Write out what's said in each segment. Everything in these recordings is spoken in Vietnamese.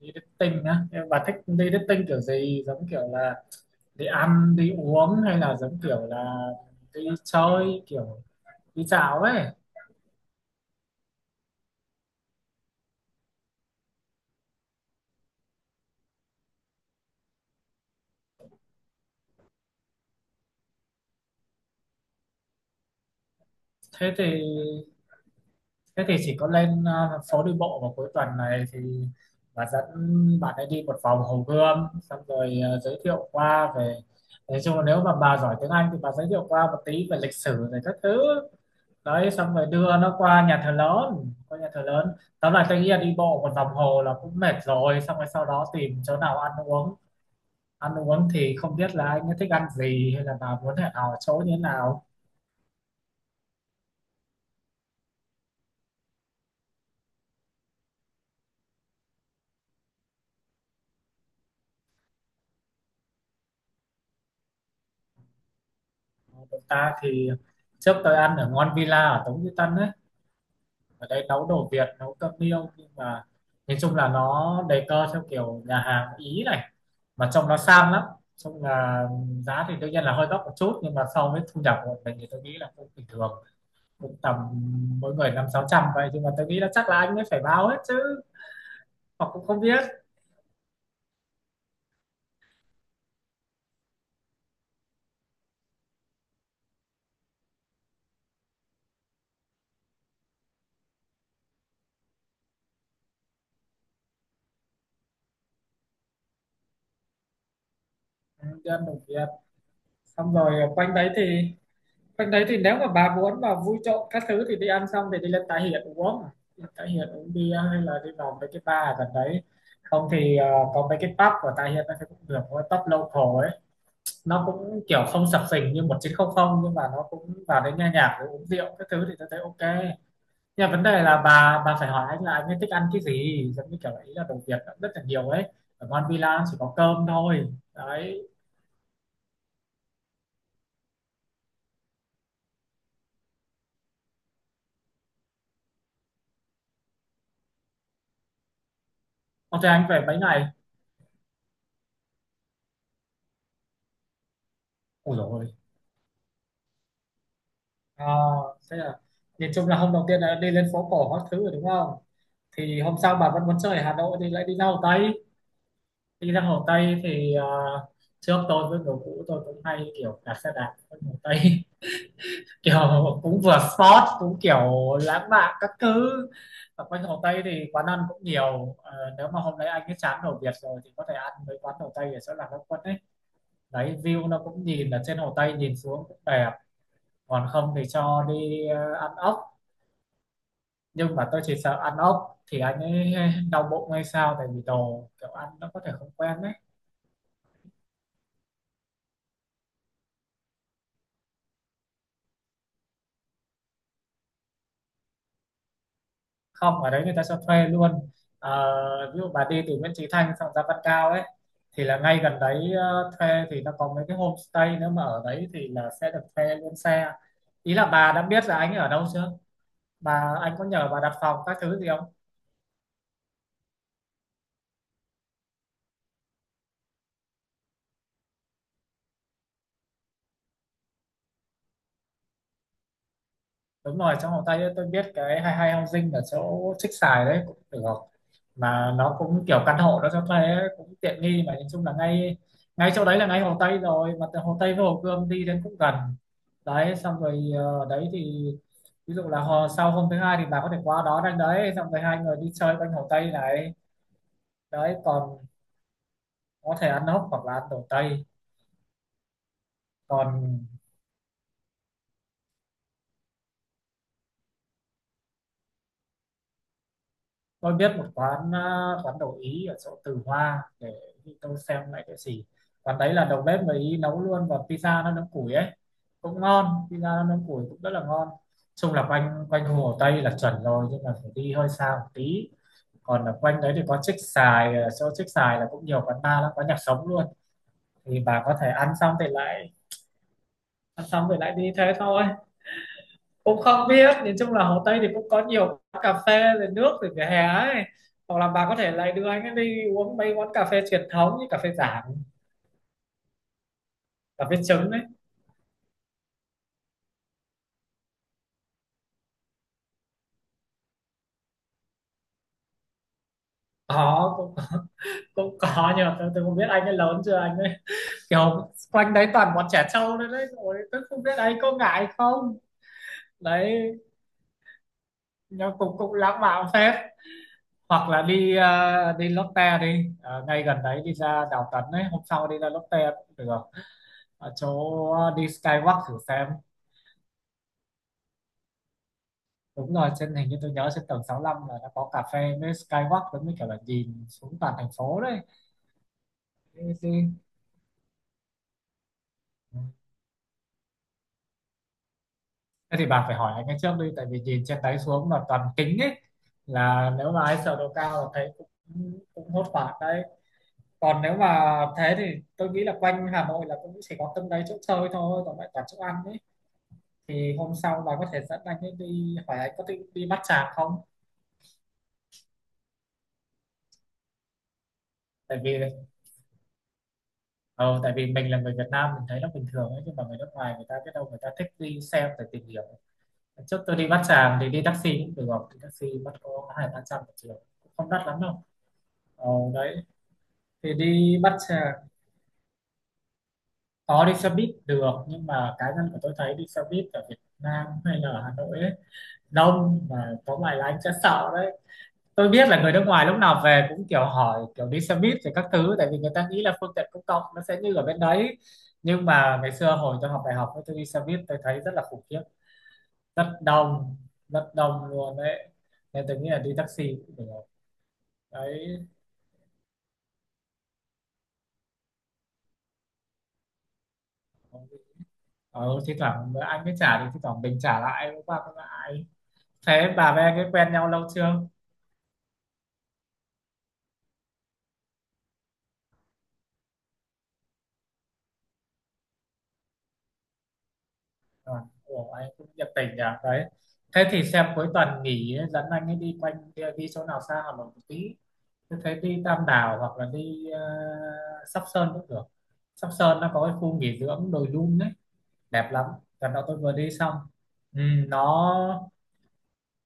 Đi dating á? Bà thích đi dating kiểu gì, giống kiểu là đi ăn đi uống, hay là giống kiểu là đi chơi kiểu đi dạo ấy? thế thì Thế thì chỉ có lên phố đi bộ vào cuối tuần này thì bà dẫn bạn ấy đi một vòng Hồ Gươm, xong rồi giới thiệu qua về, nói chung là nếu mà bà giỏi tiếng Anh thì bà giới thiệu qua một tí về lịch sử rồi các thứ. Đấy, xong rồi đưa nó qua nhà thờ lớn, tóm lại tôi nghĩ là đi bộ một vòng hồ là cũng mệt rồi, xong rồi sau đó tìm chỗ nào ăn uống. Ăn uống thì không biết là anh ấy thích ăn gì, hay là bà muốn hẹn hò chỗ như thế nào. Bọn ta thì trước tôi ăn ở Ngon Villa ở Tống Duy Tân ấy, ở đây nấu đồ Việt, nấu cơm niêu, nhưng mà nói chung là nó đề cơ theo kiểu nhà hàng Ý này, mà trông nó sang lắm, trông là giá thì đương nhiên là hơi đắt một chút, nhưng mà so với thu nhập của mình thì tôi nghĩ là cũng bình thường, cũng tầm mỗi người năm sáu trăm vậy, nhưng mà tôi nghĩ là chắc là anh ấy phải báo hết chứ, họ cũng không biết. Ừ, cho ăn đồng Việt, xong rồi quanh đấy thì nếu mà bà muốn mà vui trộm các thứ thì đi ăn xong thì đi lên Tái hiện uống. Đi lên Tái Hiền uống bia, hay là đi vào mấy cái bar ở gần đấy, không thì có mấy cái pub của Tái hiện nó cũng được, cái pub local ấy, nó cũng kiểu không sập sình như 1900, nhưng mà nó cũng vào đấy nghe nhạc rồi uống rượu các thứ thì tôi thấy ok. Nhưng mà vấn đề là bà phải hỏi anh là anh ấy thích ăn cái gì, giống như kiểu ấy là đồ Việt cũng rất là nhiều ấy, ở Mon Villa chỉ có cơm thôi. Đấy. Ok, anh về mấy ngày? Ôi rồi. à, Thế là nhìn chung là hôm đầu tiên là đi lên phố cổ các thứ rồi đúng không, thì hôm sau bà vẫn muốn chơi ở Hà Nội thì lại đi ra Hồ Tây. Đi ra Hồ Tây thì trước tôi với người cũ tôi cũng hay kiểu đạp xe đạp ở Hồ Tây, kiểu cũng vừa sport cũng kiểu lãng mạn các thứ. Ở quanh Hồ Tây thì quán ăn cũng nhiều, nếu mà hôm đấy anh ấy chán đồ Việt rồi thì có thể ăn mấy quán Hồ Tây ở chỗ Lạc Long Quân ấy, đấy view nó cũng nhìn ở trên Hồ Tây nhìn xuống cũng đẹp. Còn không thì cho đi ăn ốc, nhưng mà tôi chỉ sợ ăn ốc thì anh ấy đau bụng hay sao, tại vì đồ kiểu ăn nó có thể không quen đấy. Không, ở đấy người ta cho thuê luôn. Ờ, ví dụ bà đi từ Nguyễn Chí Thanh sang Giá Văn Cao ấy thì là ngay gần đấy, thuê thì nó có mấy cái homestay nữa, mà ở đấy thì là sẽ được thuê luôn xe. Ý là bà đã biết là anh ấy ở đâu chưa, anh có nhờ bà đặt phòng các thứ gì không? Đúng rồi, trong vòng tay ấy, tôi biết cái 22 housing ở chỗ Trích Xài đấy cũng được, mà nó cũng kiểu căn hộ nó cho thuê ấy, cũng tiện nghi, mà nhìn chung là ngay ngay chỗ đấy là ngay Hồ Tây rồi, mà từ Hồ Tây với Hồ Gươm đi đến cũng gần. Đấy, xong rồi ờ, đấy thì ví dụ là hồ, sau hôm thứ hai thì bà có thể qua đó đánh đấy, xong rồi hai người đi chơi quanh Hồ Tây này. Đấy, còn có thể ăn ốc hoặc là ăn đồ Tây. Còn tôi biết một quán, quán đồ Ý ở chỗ Từ Hoa, để tôi xem lại cái gì, quán đấy là đầu bếp người Ý nấu luôn, và pizza nó nướng củi ấy, cũng ngon, pizza nó nướng củi cũng rất là ngon. Chung là quanh quanh Hồ Tây là chuẩn rồi, nhưng mà phải đi hơi xa một tí. Còn ở quanh đấy thì có Trích Xài, ở chỗ Trích Xài là cũng nhiều quán bar lắm, có nhạc sống luôn, thì bà có thể ăn xong thì lại đi thế thôi. Cũng không biết, nhìn chung là Hồ Tây thì cũng có nhiều quán cà phê rồi nước rồi vỉa hè ấy, hoặc là bà có thể lại đưa anh ấy đi uống mấy quán cà phê truyền thống như cà phê Giảng, cà phê trứng ấy. Có cũng, cũng có, nhưng mà tôi không biết anh ấy lớn chưa, anh ấy kiểu quanh đấy toàn bọn trẻ trâu đấy đấy, rồi tôi không biết anh có ngại không. Đấy, nhưng cũng cũng lãng mạn phết. Hoặc là đi đi Lotte đi. Ờ, ngay gần đấy đi ra Đào Tấn ấy, hôm sau đi ra Lotte cũng được, ở chỗ đi Skywalk thử xem. Đúng rồi, trên hình như tôi nhớ trên tầng 65 là nó có cà phê với skywalk, giống như kiểu là nhìn xuống toàn thành phố đấy. Thế, thế, Ừ, thế thì bà phải hỏi anh ấy trước đi, tại vì nhìn trên đấy xuống mà toàn kính ấy, là nếu mà ai sợ độ cao là thấy cũng cũng hốt hoảng đấy. Còn nếu mà thì tôi nghĩ là quanh Hà Nội là cũng chỉ có từng đấy chỗ chơi thôi, còn lại toàn chỗ ăn ấy. Thì hôm sau bà có thể dẫn anh ấy đi, hỏi anh có thích đi Bát Tràng không, tại vì ờ, tại vì mình là người Việt Nam mình thấy nó bình thường ấy, nhưng mà người nước ngoài người ta biết đâu người ta thích đi xem để tìm hiểu. Trước tôi đi Bát Tràng thì đi taxi cũng được, thì taxi bắt có hai ba trăm một triệu, cũng không đắt lắm đâu. Ờ, đấy thì Đi Bát Tràng có đi xe buýt được, nhưng mà cá nhân của tôi thấy đi xe buýt ở Việt Nam hay là Hà Nội ấy, đông mà có vài là anh sẽ sợ đấy. Tôi biết là người nước ngoài lúc nào về cũng kiểu hỏi kiểu đi xe buýt rồi các thứ, tại vì người ta nghĩ là phương tiện công cộng nó sẽ như ở bên đấy. Nhưng mà ngày xưa hồi tôi học đại học ấy, tôi đi xe buýt tôi thấy rất là khủng khiếp, rất đông, luôn đấy, nên tôi nghĩ là đi taxi cũng được. Đấy, ờ, thi thoảng anh mới trả thì thi thoảng mình trả lại hôm qua cũng lại. Thế bà với anh ấy quen nhau lâu chưa? À, ủa, anh cũng nhiệt tình nhỉ đấy. Thế thì xem cuối tuần nghỉ ấy, dẫn anh ấy đi quanh đi, đi chỗ nào xa hoặc là một tí, thế thấy đi Tam Đảo hoặc là đi Sóc Sơn cũng được. Sóc Sơn nó có cái khu nghỉ dưỡng đồi Dun đấy, đẹp lắm, lần đó tôi vừa đi xong. Ừ, nó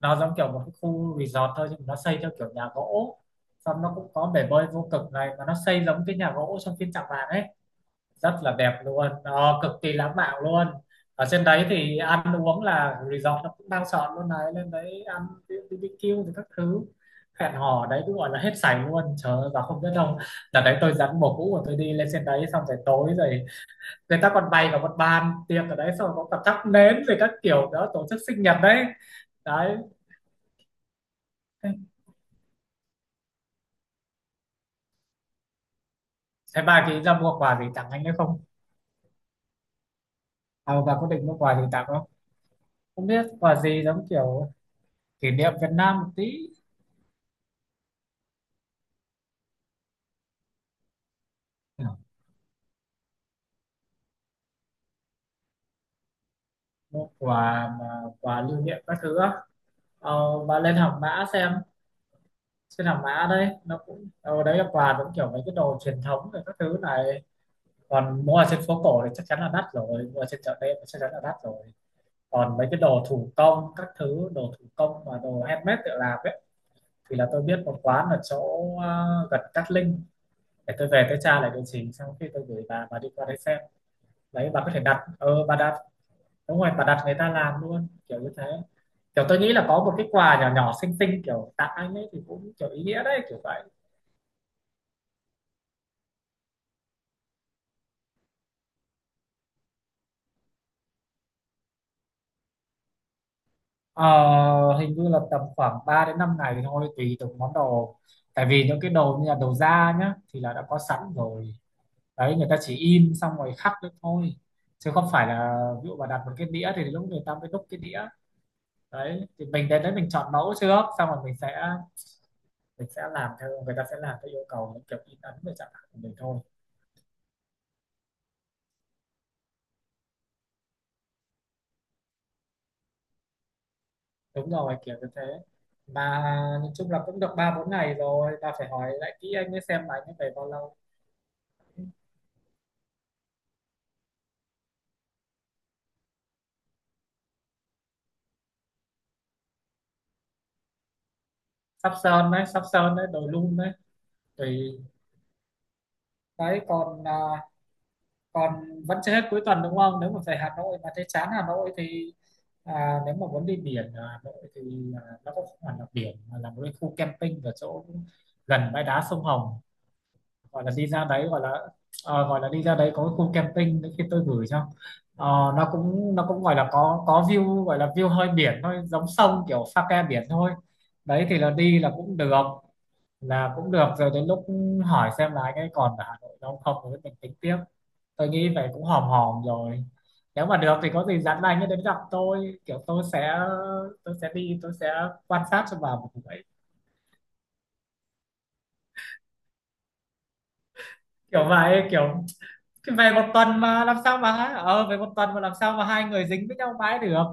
nó giống kiểu một cái khu resort thôi, nhưng mà nó xây theo kiểu nhà gỗ, xong nó cũng có bể bơi vô cực này, mà nó xây giống cái nhà gỗ trong phim Tràng Vàng ấy, rất là đẹp luôn, nó cực kỳ lãng mạn luôn. Ở trên đấy thì ăn uống là resort nó cũng đang soạn luôn đấy, lên đấy ăn BBQ thì các thứ, hẹn hò đấy cứ gọi là hết sảy luôn, trời ơi, và không biết đâu, là đấy tôi dẫn bồ cũ của tôi đi lên trên đấy, xong rồi tối rồi người ta còn bày cả một bàn tiệc ở đấy, xong rồi có cả thắp nến rồi các kiểu đó, tổ chức sinh nhật đấy. Đấy, thế bà chị ra mua quà gì tặng anh ấy không, bà có định mua quà gì tặng không? Không biết quà gì, giống kiểu kỷ niệm Việt Nam một tí. Mua quà mà quà lưu niệm các thứ á? Ờ, và lên Hàng Mã xem, trên Hàng Mã đấy nó cũng đấy là quà cũng kiểu mấy cái đồ truyền thống rồi các thứ này. Còn mua ở trên phố cổ thì chắc chắn là đắt rồi, mua ở trên chợ đêm thì chắc chắn là đắt rồi. Còn mấy cái đồ thủ công các thứ, đồ thủ công và đồ handmade tự làm ấy, thì là tôi biết một quán ở chỗ gần Cát Linh, để tôi về tôi tra lại địa chỉ xong khi tôi gửi bà đi qua đấy xem. Đấy, bà có thể đặt ờ bà đã đúng rồi, và đặt người ta làm luôn kiểu như thế. Kiểu tôi nghĩ là có một cái quà nhỏ nhỏ xinh xinh kiểu tặng anh ấy thì cũng kiểu ý nghĩa đấy kiểu vậy. Ờ, hình như là tầm khoảng 3 đến 5 ngày thì thôi, tùy từng món đồ, tại vì những cái đồ như là đồ da nhá thì là đã có sẵn rồi đấy, người ta chỉ in xong rồi khắc đấy thôi, chứ không phải là ví dụ mà đặt một cái đĩa thì lúc người ta mới đúc cái đĩa. Đấy thì mình đến đấy mình chọn mẫu trước, xong rồi mình sẽ làm theo, người ta sẽ làm theo yêu cầu những kiểu in ấn về chẳng hạn của mình thôi. Đúng rồi, kiểu như thế. Mà nhìn chung là cũng được 3 4 ngày rồi, ta phải hỏi lại kỹ anh ấy xem là anh ấy về bao lâu. Sắp sơn đấy, sắp sơn đấy, đồi lum đấy. Tùy. Đấy còn à, còn vẫn chưa hết cuối tuần đúng không, nếu mà về Hà Nội mà thấy chán Hà Nội thì nếu mà muốn đi biển ở Hà Nội thì nó cũng không hẳn là biển, mà là một cái khu camping ở chỗ gần bãi đá sông Hồng, gọi là đi ra đấy gọi là đi ra đấy có cái khu camping nữa, khi tôi gửi cho. Ờ, nó cũng gọi là có view, gọi là view hơi biển thôi, giống sông kiểu pha ke biển thôi. Đấy thì là đi là cũng được, rồi đến lúc hỏi xem là anh ấy còn ở Hà Nội đâu không rồi mình tính tiếp. Tôi nghĩ vậy cũng hòm hòm rồi, nếu mà được thì có gì dặn anh ấy đến gặp tôi kiểu tôi sẽ quan sát cho bà một buổi, kiểu vậy kiểu. Thì về một tuần mà làm sao mà hai ờ về một tuần mà làm sao mà hai người dính với nhau mãi được.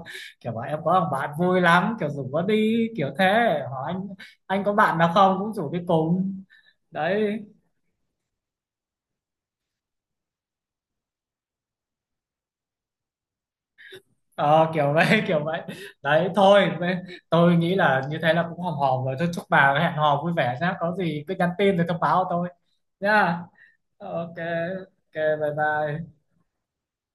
Kiểu bảo em có thằng bạn vui lắm kiểu rủ nó đi kiểu thế, hỏi anh có bạn nào không, cũng rủ đi cùng. Đấy, ờ kiểu vậy kiểu vậy. Đấy tôi nghĩ là như thế là cũng hòm hòm rồi, thôi chúc bà hẹn hò vui vẻ nhá, có gì cứ nhắn tin rồi thông báo cho tôi nhá. Ok. Ok. Bye bye.